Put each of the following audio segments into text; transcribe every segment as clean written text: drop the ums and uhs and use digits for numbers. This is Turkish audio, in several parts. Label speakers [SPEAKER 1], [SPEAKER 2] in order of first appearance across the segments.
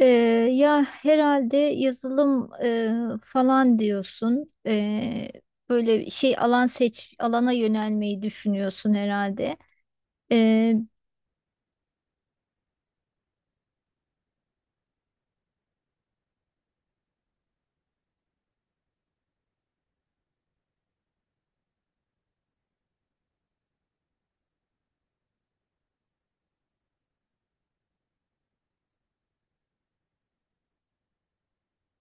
[SPEAKER 1] Ee, ya herhalde yazılım falan diyorsun. Böyle şey alan seç alana yönelmeyi düşünüyorsun herhalde. Ee,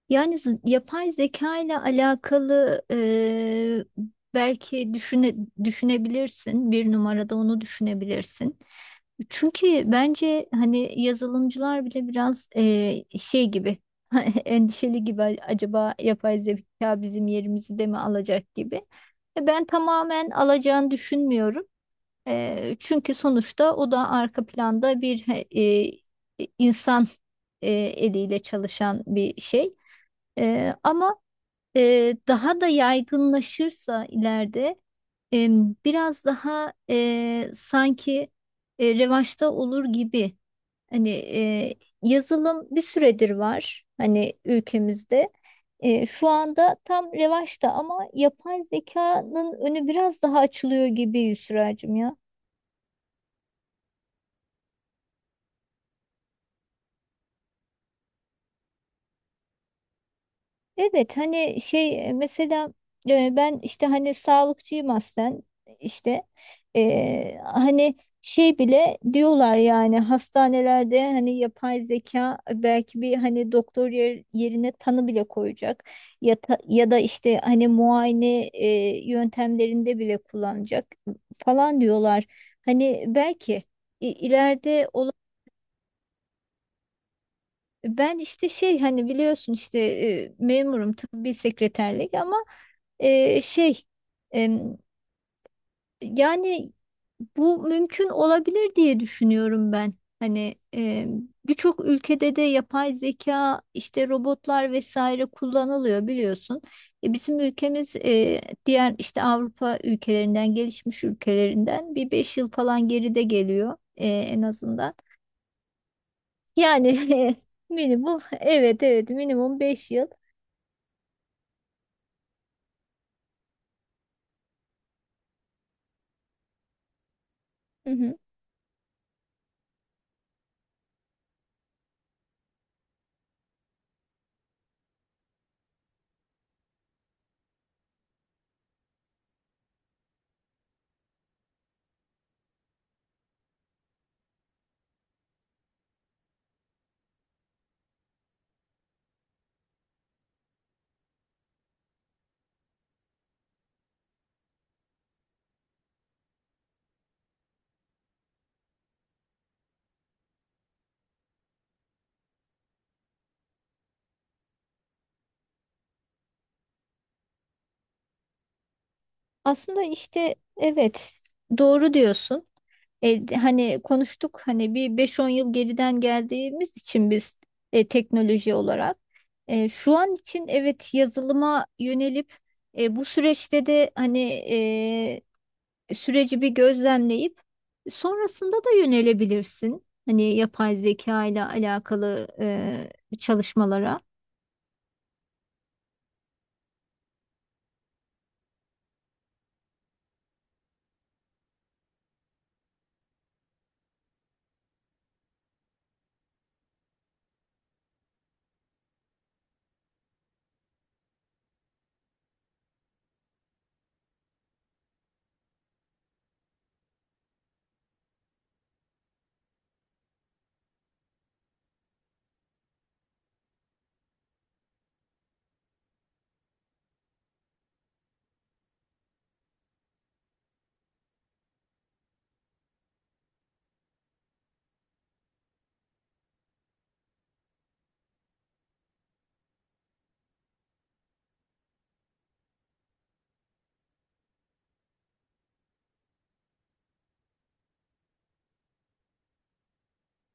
[SPEAKER 1] Yani yapay zeka ile alakalı belki düşünebilirsin. Bir numarada onu düşünebilirsin. Çünkü bence hani yazılımcılar bile biraz şey gibi endişeli gibi acaba yapay zeka bizim yerimizi de mi alacak gibi. Ben tamamen alacağını düşünmüyorum. Çünkü sonuçta o da arka planda bir insan eliyle çalışan bir şey. Ama daha da yaygınlaşırsa ileride eee, biraz daha sanki revaçta olur gibi. Hani yazılım bir süredir var hani ülkemizde. Şu anda tam revaçta ama yapay zekanın önü biraz daha açılıyor gibi Yusra'cığım ya. Evet, hani şey mesela ben işte hani sağlıkçıyım aslen işte. Hani şey bile diyorlar yani hastanelerde hani yapay zeka belki bir hani doktor yerine tanı bile koyacak ya, ya da işte hani muayene yöntemlerinde bile kullanacak falan diyorlar. Hani belki ileride ben işte şey hani biliyorsun işte memurum tıbbi sekreterlik ama şey em, yani bu mümkün olabilir diye düşünüyorum ben. Hani birçok ülkede de yapay zeka işte robotlar vesaire kullanılıyor biliyorsun. Bizim ülkemiz diğer işte Avrupa ülkelerinden gelişmiş ülkelerinden bir beş yıl falan geride geliyor en azından. Yani minimum, evet evet, minimum 5 yıl. Hı hı. Aslında işte evet, doğru diyorsun. Hani konuştuk hani bir beş on yıl geriden geldiğimiz için biz teknoloji olarak. Şu an için evet, yazılıma yönelip bu süreçte de hani e, süreci bir gözlemleyip sonrasında da yönelebilirsin. Hani yapay zeka ile alakalı çalışmalara.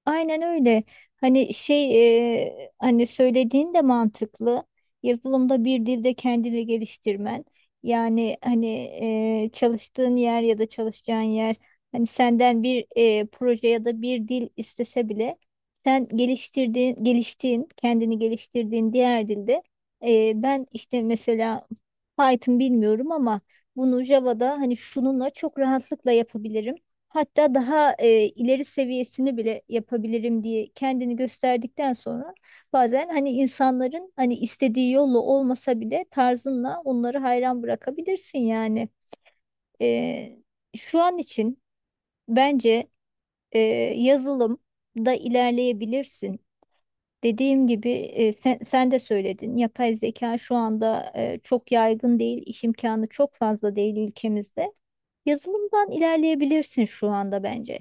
[SPEAKER 1] Aynen öyle. Hani şey hani söylediğin de mantıklı. Yazılımda bir dilde kendini geliştirmen. Yani hani çalıştığın yer ya da çalışacağın yer hani senden bir proje ya da bir dil istese bile sen kendini geliştirdiğin diğer dilde ben işte mesela Python bilmiyorum ama bunu Java'da hani şununla çok rahatlıkla yapabilirim. Hatta daha ileri seviyesini bile yapabilirim diye kendini gösterdikten sonra bazen hani insanların hani istediği yolla olmasa bile tarzınla onları hayran bırakabilirsin yani. E, Şu an için bence e, yazılımda ilerleyebilirsin. Dediğim gibi sen de söyledin. Yapay zeka şu anda çok yaygın değil, iş imkanı çok fazla değil ülkemizde. Yazılımdan ilerleyebilirsin şu anda bence.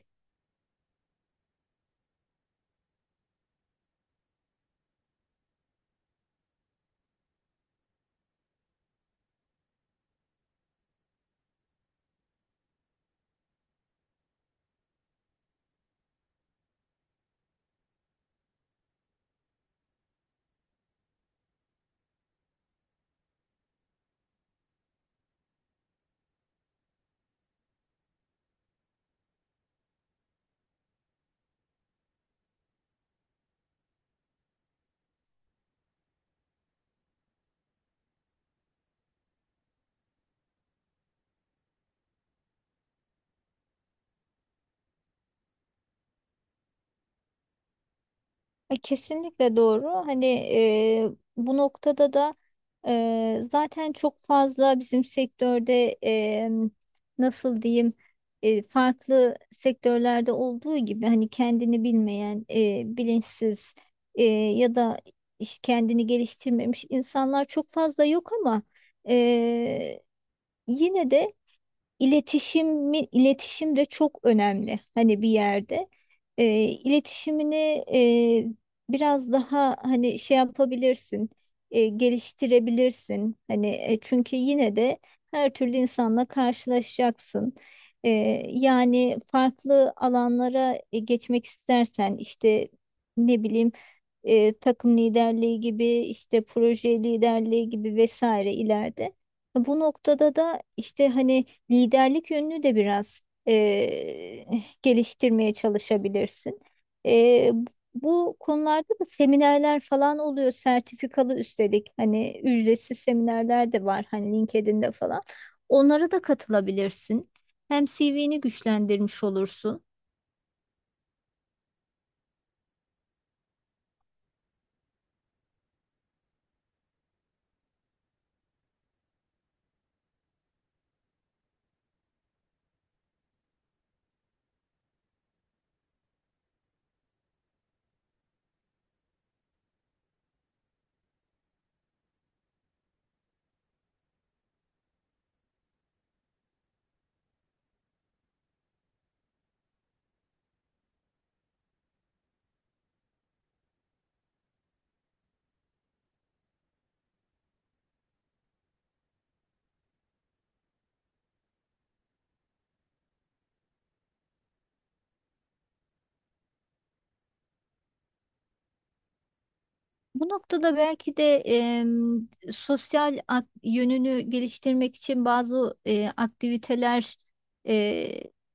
[SPEAKER 1] Kesinlikle doğru. Hani bu noktada da zaten çok fazla bizim sektörde nasıl diyeyim farklı sektörlerde olduğu gibi hani kendini bilmeyen, bilinçsiz ya da iş kendini geliştirmemiş insanlar çok fazla yok ama e, yine de iletişim de çok önemli. Hani bir yerde iletişimini e, biraz daha hani şey yapabilirsin, geliştirebilirsin. Hani çünkü yine de her türlü insanla karşılaşacaksın. E, Yani farklı alanlara geçmek istersen işte ne bileyim takım liderliği gibi işte proje liderliği gibi vesaire ileride. Bu noktada da işte hani liderlik yönünü de biraz e, geliştirmeye çalışabilirsin. E, Bu konularda da seminerler falan oluyor, sertifikalı üstelik. Hani ücretsiz seminerler de var, hani LinkedIn'de falan. Onlara da katılabilirsin. Hem CV'ni güçlendirmiş olursun. Bu noktada belki de sosyal yönünü geliştirmek için bazı aktiviteler e,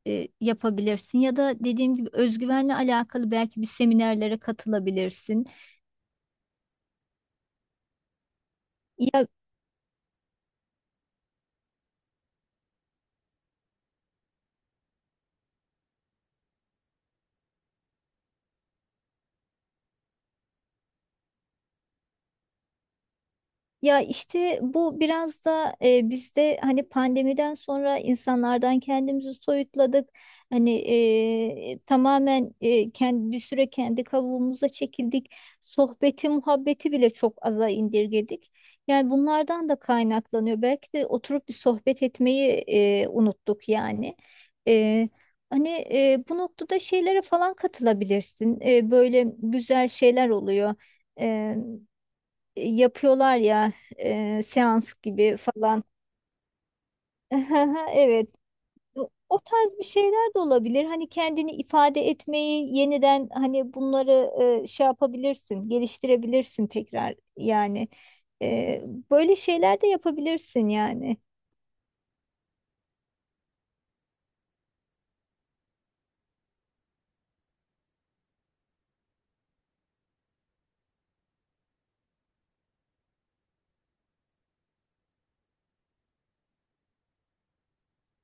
[SPEAKER 1] yapabilirsin ya da dediğim gibi özgüvenle alakalı belki bir seminerlere katılabilirsin. Ya işte bu biraz da bizde hani pandemiden sonra insanlardan kendimizi soyutladık. Hani tamamen kendi bir süre kendi kavuğumuza çekildik. Sohbeti, muhabbeti bile çok aza indirgedik. Yani bunlardan da kaynaklanıyor. Belki de oturup bir sohbet etmeyi unuttuk yani. E, Hani bu noktada şeylere falan katılabilirsin. Böyle güzel şeyler oluyor, yapıyorlar ya, seans gibi falan. Evet. O o tarz bir şeyler de olabilir. Hani kendini ifade etmeyi yeniden hani bunları şey yapabilirsin, geliştirebilirsin tekrar yani. E, Böyle şeyler de yapabilirsin yani.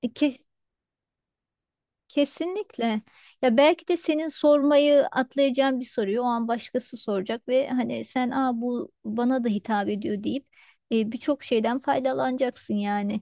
[SPEAKER 1] E, ke- kesinlikle. Ya belki de senin sormayı atlayacağın bir soruyu o an başkası soracak ve hani sen Aa, bu bana da hitap ediyor deyip birçok şeyden faydalanacaksın yani.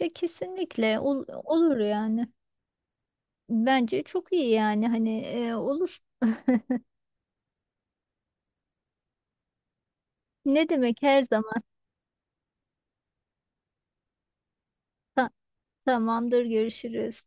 [SPEAKER 1] Ya kesinlikle olur yani. Bence çok iyi yani hani olur. Ne demek, her zaman. Ta- tamamdır, görüşürüz.